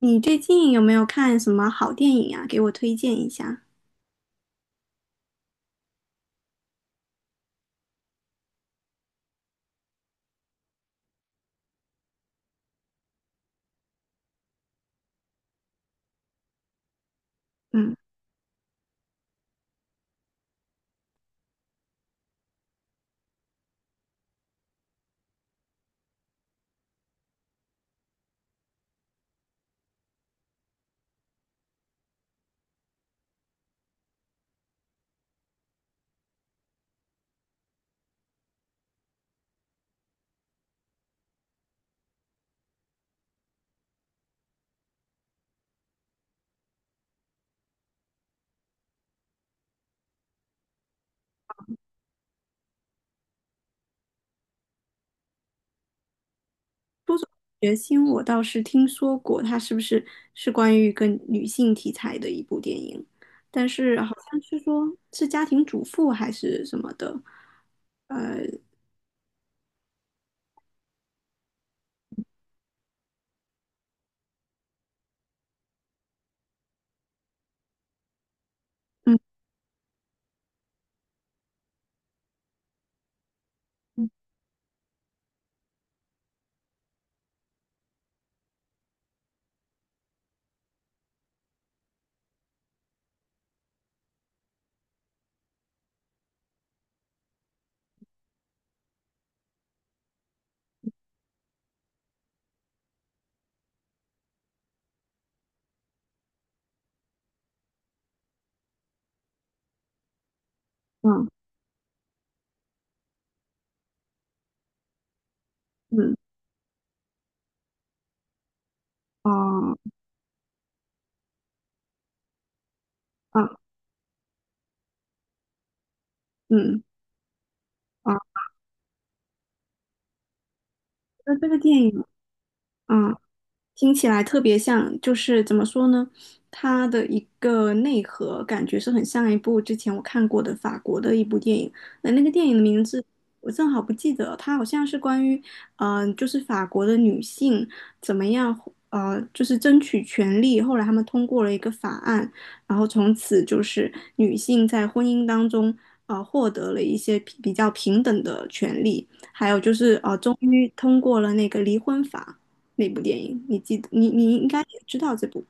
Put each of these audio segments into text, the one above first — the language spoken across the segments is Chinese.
你最近有没有看什么好电影啊？给我推荐一下。嗯，《决心》我倒是听说过，它是不是关于一个女性题材的一部电影？但是好像是说是家庭主妇还是什么的。嗯嗯嗯，哦，啊嗯啊，那这个电影，嗯听起来特别像，就是怎么说呢？它的一个内核感觉是很像一部之前我看过的法国的一部电影，那个电影的名字我正好不记得了，它好像是关于，嗯、就是法国的女性怎么样，就是争取权利，后来他们通过了一个法案，然后从此就是女性在婚姻当中，呃，获得了一些比较平等的权利，还有就是终于通过了那个离婚法。那部电影，你记得你应该也知道这部，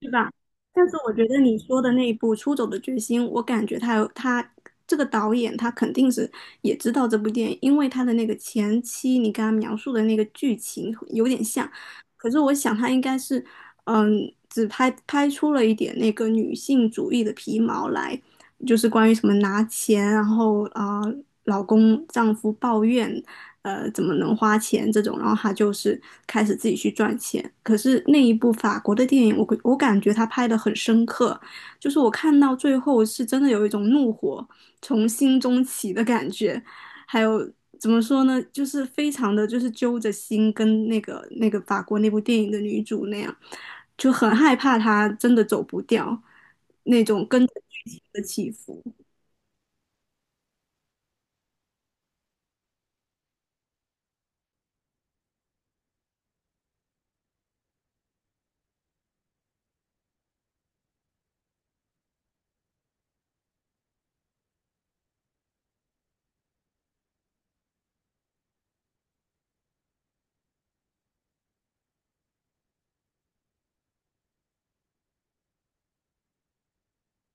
对吧？但是我觉得你说的那一部《出走的决心》，我感觉他这个导演他肯定是也知道这部电影，因为他的那个前期你刚刚描述的那个剧情有点像，可是我想他应该是嗯，只拍出了一点那个女性主义的皮毛来，就是关于什么拿钱，然后啊、呃老公丈夫抱怨呃怎么能花钱这种，然后他就是开始自己去赚钱。可是那一部法国的电影，我感觉他拍的很深刻，就是我看到最后是真的有一种怒火从心中起的感觉，还有。怎么说呢？就是非常的就是揪着心，跟那个法国那部电影的女主那样，就很害怕她真的走不掉那种跟着剧情的起伏。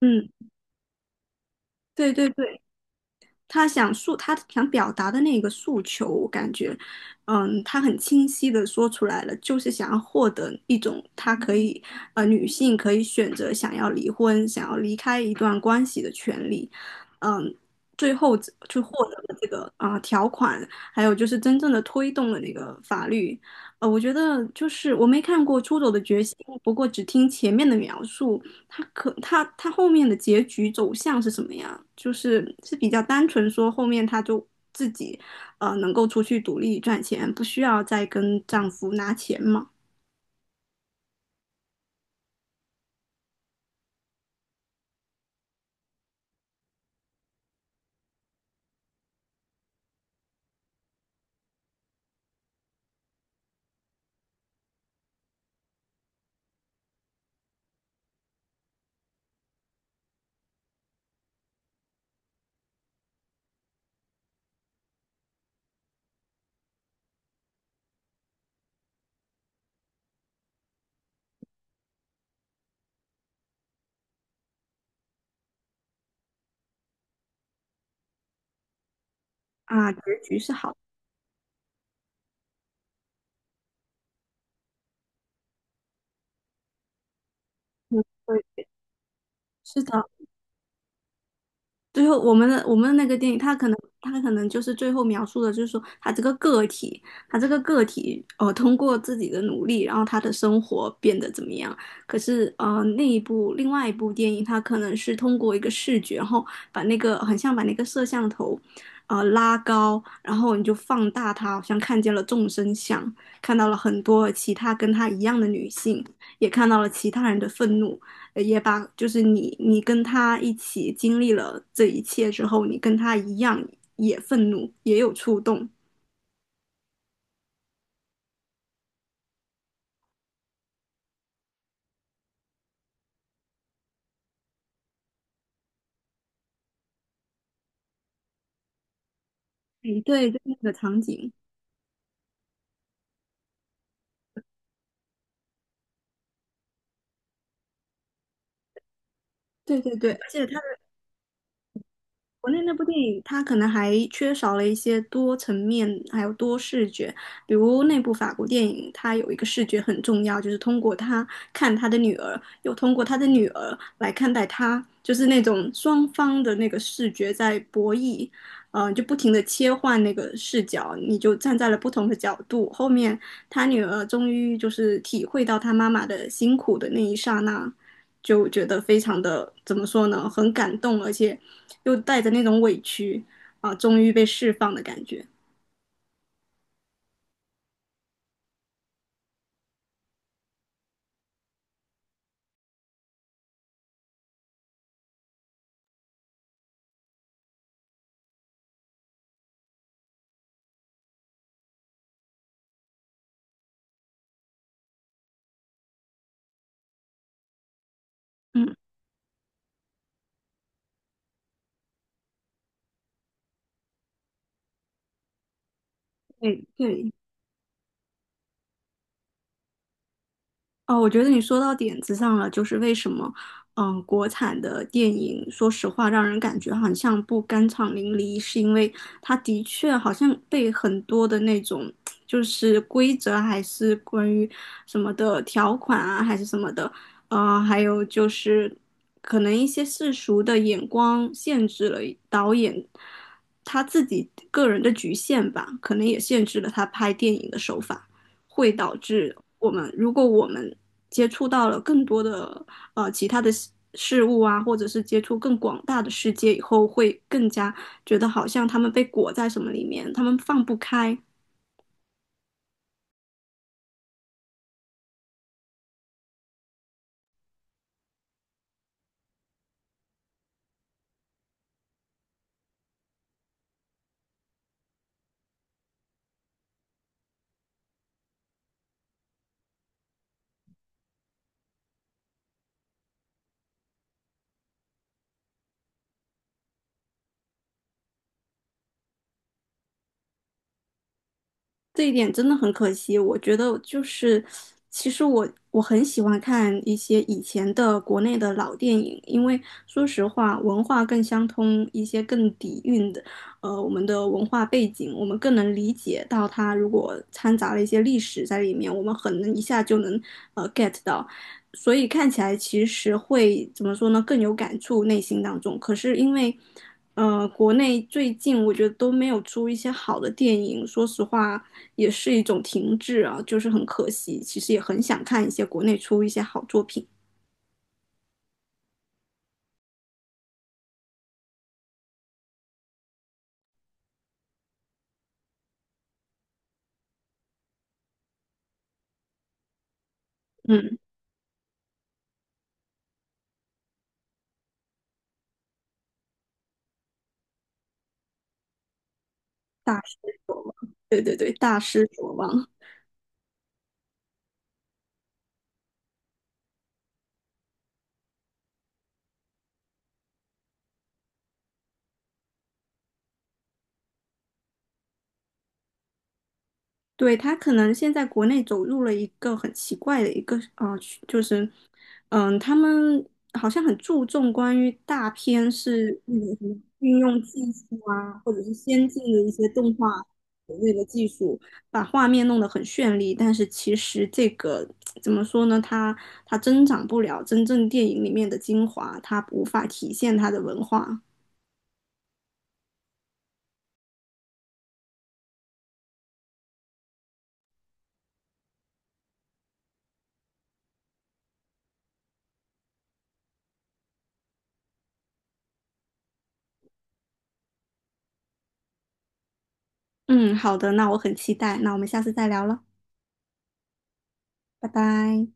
嗯，对对对。他想表达的那个诉求，我感觉，嗯，他很清晰的说出来了，就是想要获得一种他可以，呃，女性可以选择想要离婚、想要离开一段关系的权利，嗯，最后就获得了这个啊、呃条款，还有就是真正的推动了那个法律，我觉得就是我没看过《出走的决心》，不过只听前面的描述，他可他他后面的结局走向是什么呀？就是是比较单纯说后面他就自己呃能够出去独立赚钱，不需要再跟丈夫拿钱嘛？啊，结局是好的，嗯对，是的，最后，我们的那个电影，他可能就是最后描述的，就是说他这个个体，他这个个体，呃，通过自己的努力，然后他的生活变得怎么样？可是，那一部另外一部电影，他可能是通过一个视觉，然后把那个很像把那个摄像头，呃，拉高，然后你就放大它，好像看见了众生相，看到了很多其他跟他一样的女性，也看到了其他人的愤怒，呃也把就是你跟他一起经历了这一切之后，你跟他一样也愤怒，也有触动。嗯，对，就那个场景，对对对，而且他国内那部电影，它可能还缺少了一些多层面，还有多视觉。比如那部法国电影，它有一个视觉很重要，就是通过他看他的女儿，又通过他的女儿来看待他，就是那种双方的那个视觉在博弈，嗯、就不停的切换那个视角，你就站在了不同的角度。后面他女儿终于就是体会到他妈妈的辛苦的那一刹那，就觉得非常的怎么说呢，很感动，而且。又带着那种委屈啊，终于被释放的感觉。嗯，对对，哦，我觉得你说到点子上了，就是为什么，嗯，国产的电影，说实话，让人感觉好像不酣畅淋漓，是因为它的确好像被很多的那种，就是规则还是关于什么的条款啊，还是什么的，呃，还有就是可能一些世俗的眼光限制了导演他自己个人的局限吧，可能也限制了他拍电影的手法。会导致我们，如果我们接触到了更多的呃其他的事物啊，或者是接触更广大的世界以后，会更加觉得好像他们被裹在什么里面，他们放不开。这一点真的很可惜，我觉得就是，其实我很喜欢看一些以前的国内的老电影，因为说实话，文化更相通，一些更底蕴的，呃，我们的文化背景，我们更能理解到它。如果掺杂了一些历史在里面，我们很能一下就能呃 get 到，所以看起来其实会怎么说呢，更有感触内心当中。可是因为呃，国内最近我觉得都没有出一些好的电影，说实话也是一种停滞啊，就是很可惜。其实也很想看一些国内出一些好作品，嗯，大失所望，对对对，大失所望。对，他可能现在国内走入了一个很奇怪的一个啊、呃就是，嗯，他们好像很注重关于大片是那个什么运用技术啊，或者是先进的一些动画所谓的技术，把画面弄得很绚丽，但是其实这个怎么说呢？它增长不了真正电影里面的精华，它无法体现它的文化。嗯，好的，那我很期待，那我们下次再聊了，拜拜。